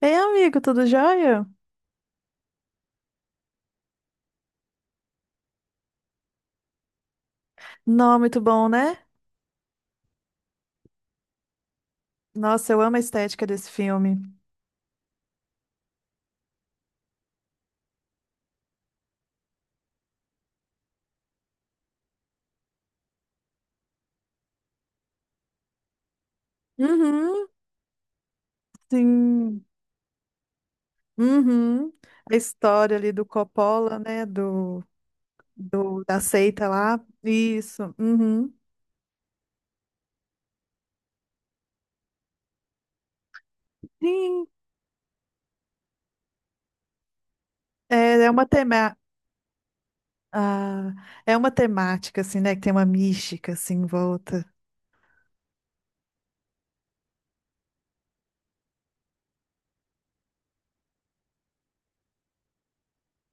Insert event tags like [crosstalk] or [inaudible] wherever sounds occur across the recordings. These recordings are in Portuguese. Ei, amigo, tudo jóia? Não, muito bom, né? Nossa, eu amo a estética desse filme. Uhum, sim. Uhum. A história ali do Coppola, né? Da seita lá. Isso. Uhum. Sim. É, é uma tema... ah, é uma temática, assim, né? Que tem uma mística, assim, em volta.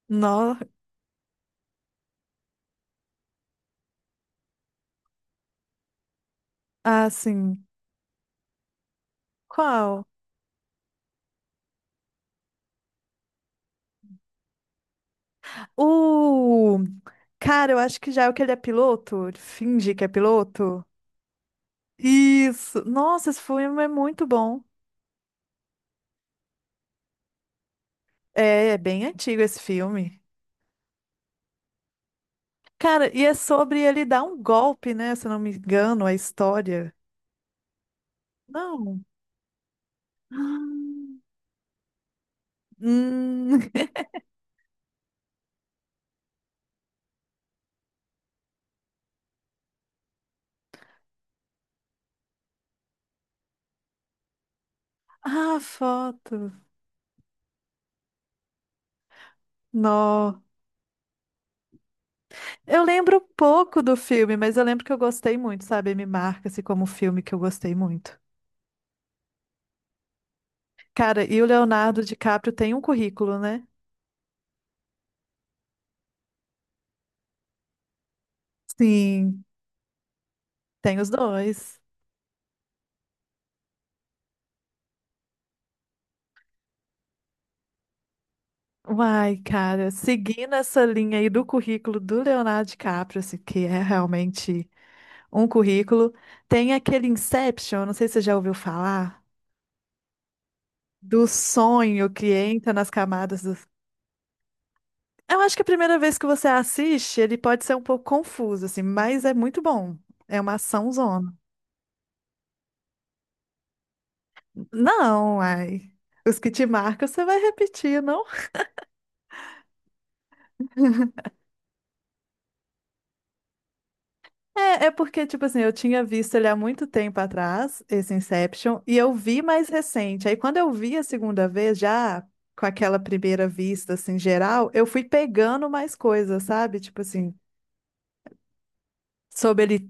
No... Ah, sim. Qual? O... Cara, eu acho que já é o que ele é piloto. Ele finge que é piloto. Isso. Nossa, esse filme é muito bom. É, é bem antigo esse filme. Cara, e é sobre ele dar um golpe, né? Se eu não me engano, a história. Não. Hum. [laughs] Ah, foto. Nó. Eu lembro pouco do filme, mas eu lembro que eu gostei muito, sabe? Me marca-se como um filme que eu gostei muito. Cara, e o Leonardo DiCaprio tem um currículo, né? Sim, tem os dois. Uai, cara, seguindo essa linha aí do currículo do Leonardo DiCaprio, assim, que é realmente um currículo, tem aquele Inception, não sei se você já ouviu falar, do sonho que entra nas camadas dos. Eu acho que a primeira vez que você assiste, ele pode ser um pouco confuso, assim, mas é muito bom. É uma ação zona. Não, ai. Os que te marcam, você vai repetir, não? É, é porque, tipo assim, eu tinha visto ele há muito tempo atrás, esse Inception, e eu vi mais recente. Aí, quando eu vi a segunda vez, já com aquela primeira vista, assim, geral, eu fui pegando mais coisas, sabe? Tipo assim, sobre ele.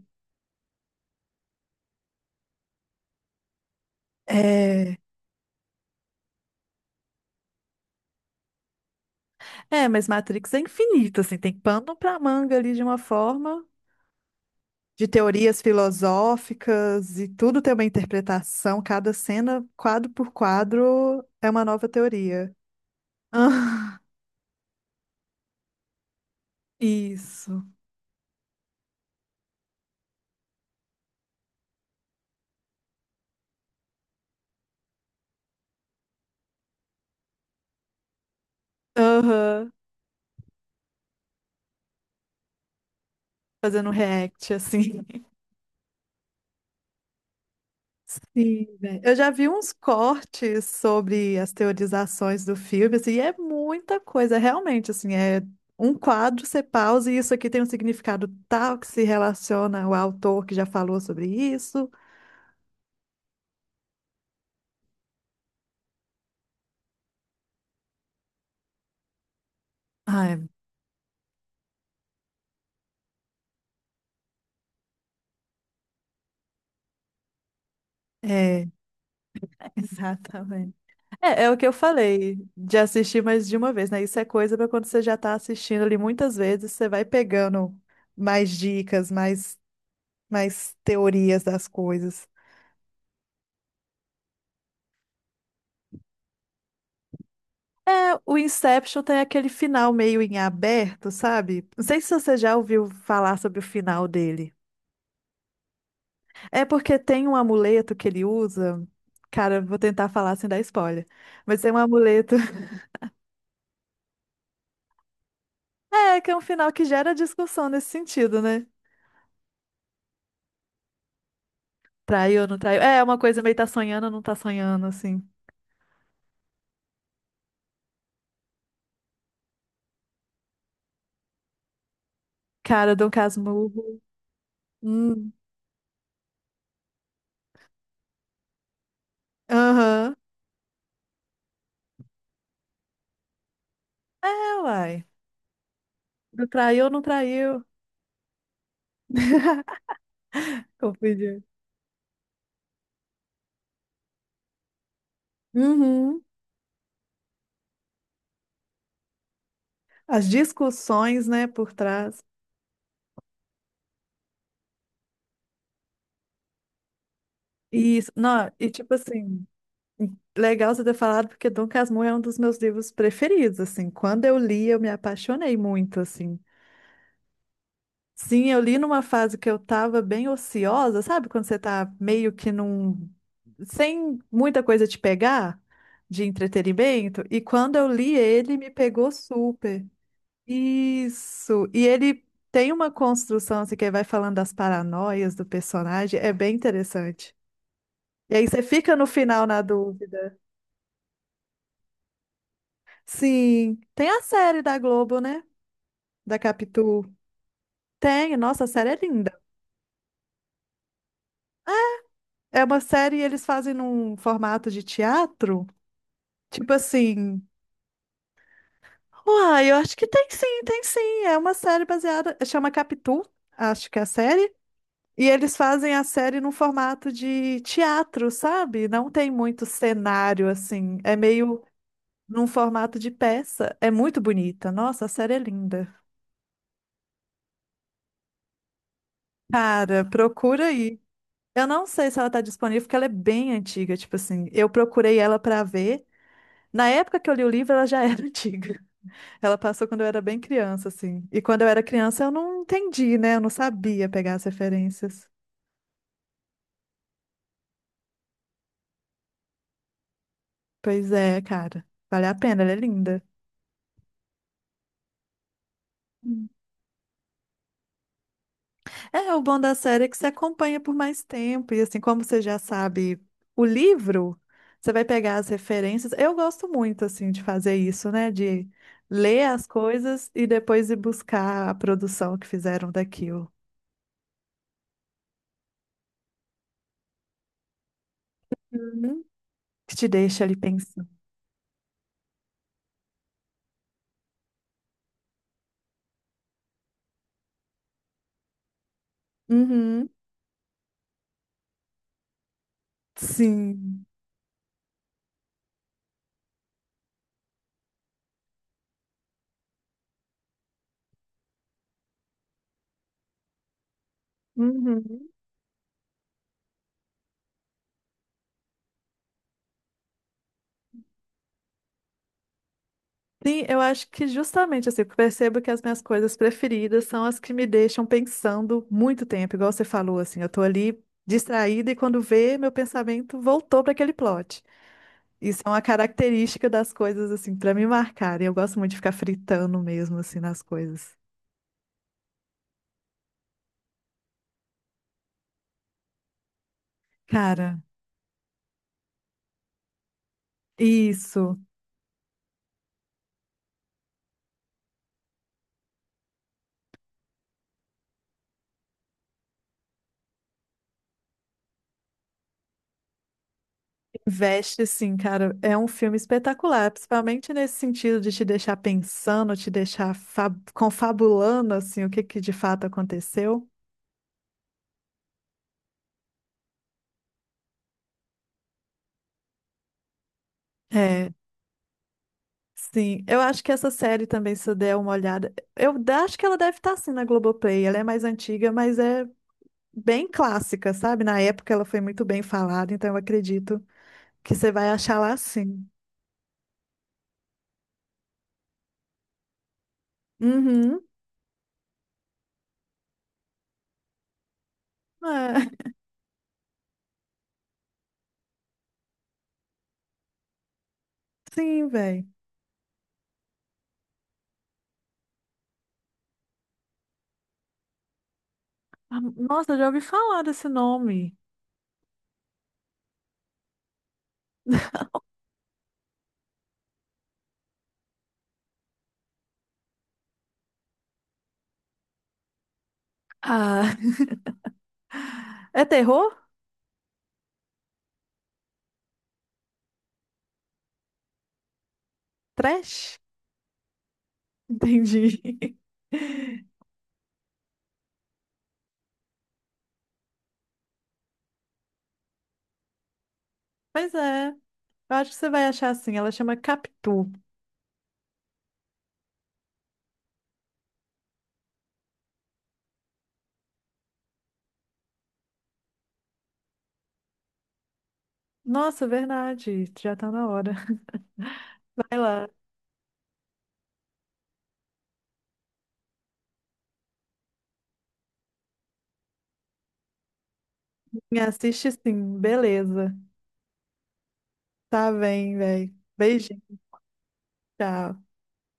É, mas Matrix é infinito, assim, tem pano pra manga ali de uma forma, de teorias filosóficas e tudo tem uma interpretação, cada cena, quadro por quadro, é uma nova teoria. [laughs] Ah, isso. Aham. Fazendo react, assim. Sim, velho. Eu já vi uns cortes sobre as teorizações do filme, assim, e é muita coisa, realmente, assim, é um quadro, você pausa, e isso aqui tem um significado tal que se relaciona ao autor que já falou sobre isso. Ah, [laughs] é, exatamente. É, é o que eu falei, de assistir mais de uma vez, né? Isso é coisa para quando você já tá assistindo ali muitas vezes, você vai pegando mais dicas, mais teorias das coisas. É, o Inception tem aquele final meio em aberto, sabe? Não sei se você já ouviu falar sobre o final dele. É porque tem um amuleto que ele usa. Cara, vou tentar falar sem dar spoiler. Mas tem um amuleto. [laughs] É, que é um final que gera discussão nesse sentido, né? Traiu ou não traiu? É, uma coisa meio tá sonhando ou não tá sonhando, assim. Cara, Dom Casmurro. Hum. Aham. É, uai. Não, traiu ou não traiu? Confundiu. Uhum. As discussões, né, por trás. Isso, não, e tipo assim, legal você ter falado, porque Dom Casmurro é um dos meus livros preferidos, assim, quando eu li, eu me apaixonei muito, assim. Sim, eu li numa fase que eu tava bem ociosa, sabe? Quando você tá meio que num... sem muita coisa te pegar de entretenimento, e quando eu li ele, me pegou super. Isso, e ele tem uma construção, assim, que ele vai falando das paranoias do personagem, é bem interessante. E aí você fica no final na dúvida. Sim, tem a série da Globo, né? Da Capitu. Tem, nossa, a série é linda. É uma série e eles fazem num formato de teatro, tipo assim. Uai, eu acho que tem sim, tem sim. É uma série baseada, chama Capitu, acho que é a série. E eles fazem a série num formato de teatro, sabe? Não tem muito cenário assim. É meio num formato de peça. É muito bonita. Nossa, a série é linda. Cara, procura aí. Eu não sei se ela tá disponível, porque ela é bem antiga, tipo assim, eu procurei ela pra ver. Na época que eu li o livro, ela já era [laughs] antiga. Ela passou quando eu era bem criança, assim. E quando eu era criança, eu não entendi, né? Eu não sabia pegar as referências. Pois é, cara. Vale a pena, ela é linda. É, o bom da série é que você acompanha por mais tempo, e assim, como você já sabe o livro, você vai pegar as referências. Eu gosto muito, assim, de fazer isso, né? De ler as coisas e depois ir buscar a produção que fizeram daquilo. Uhum. Que te deixa ali pensando. Uhum. Sim. Uhum. Sim, eu acho que justamente assim, eu percebo que as minhas coisas preferidas são as que me deixam pensando muito tempo, igual você falou, assim, eu tô ali distraída e quando vê, meu pensamento voltou para aquele plot. Isso é uma característica das coisas, assim, para me marcarem. Eu gosto muito de ficar fritando mesmo, assim, nas coisas. Cara, isso, investe, assim, cara, é um filme espetacular, principalmente nesse sentido de te deixar pensando, te deixar confabulando, assim, o que que de fato aconteceu. É, sim, eu acho que essa série também, se eu der uma olhada, acho que ela deve estar assim na Globoplay. Ela é mais antiga, mas é bem clássica, sabe? Na época ela foi muito bem falada, então eu acredito que você vai achar lá sim. Uhum. É, [laughs] sim, velho. Nossa, eu já ouvi falar desse nome. Ah, [laughs] é terror? Trash? Entendi. [laughs] Pois é, eu acho que você vai achar assim. Ela chama Capitu. Nossa, verdade, já tá na hora. [laughs] Vai lá. Me assiste sim, beleza. Tá bem, velho. Beijinho, tchau.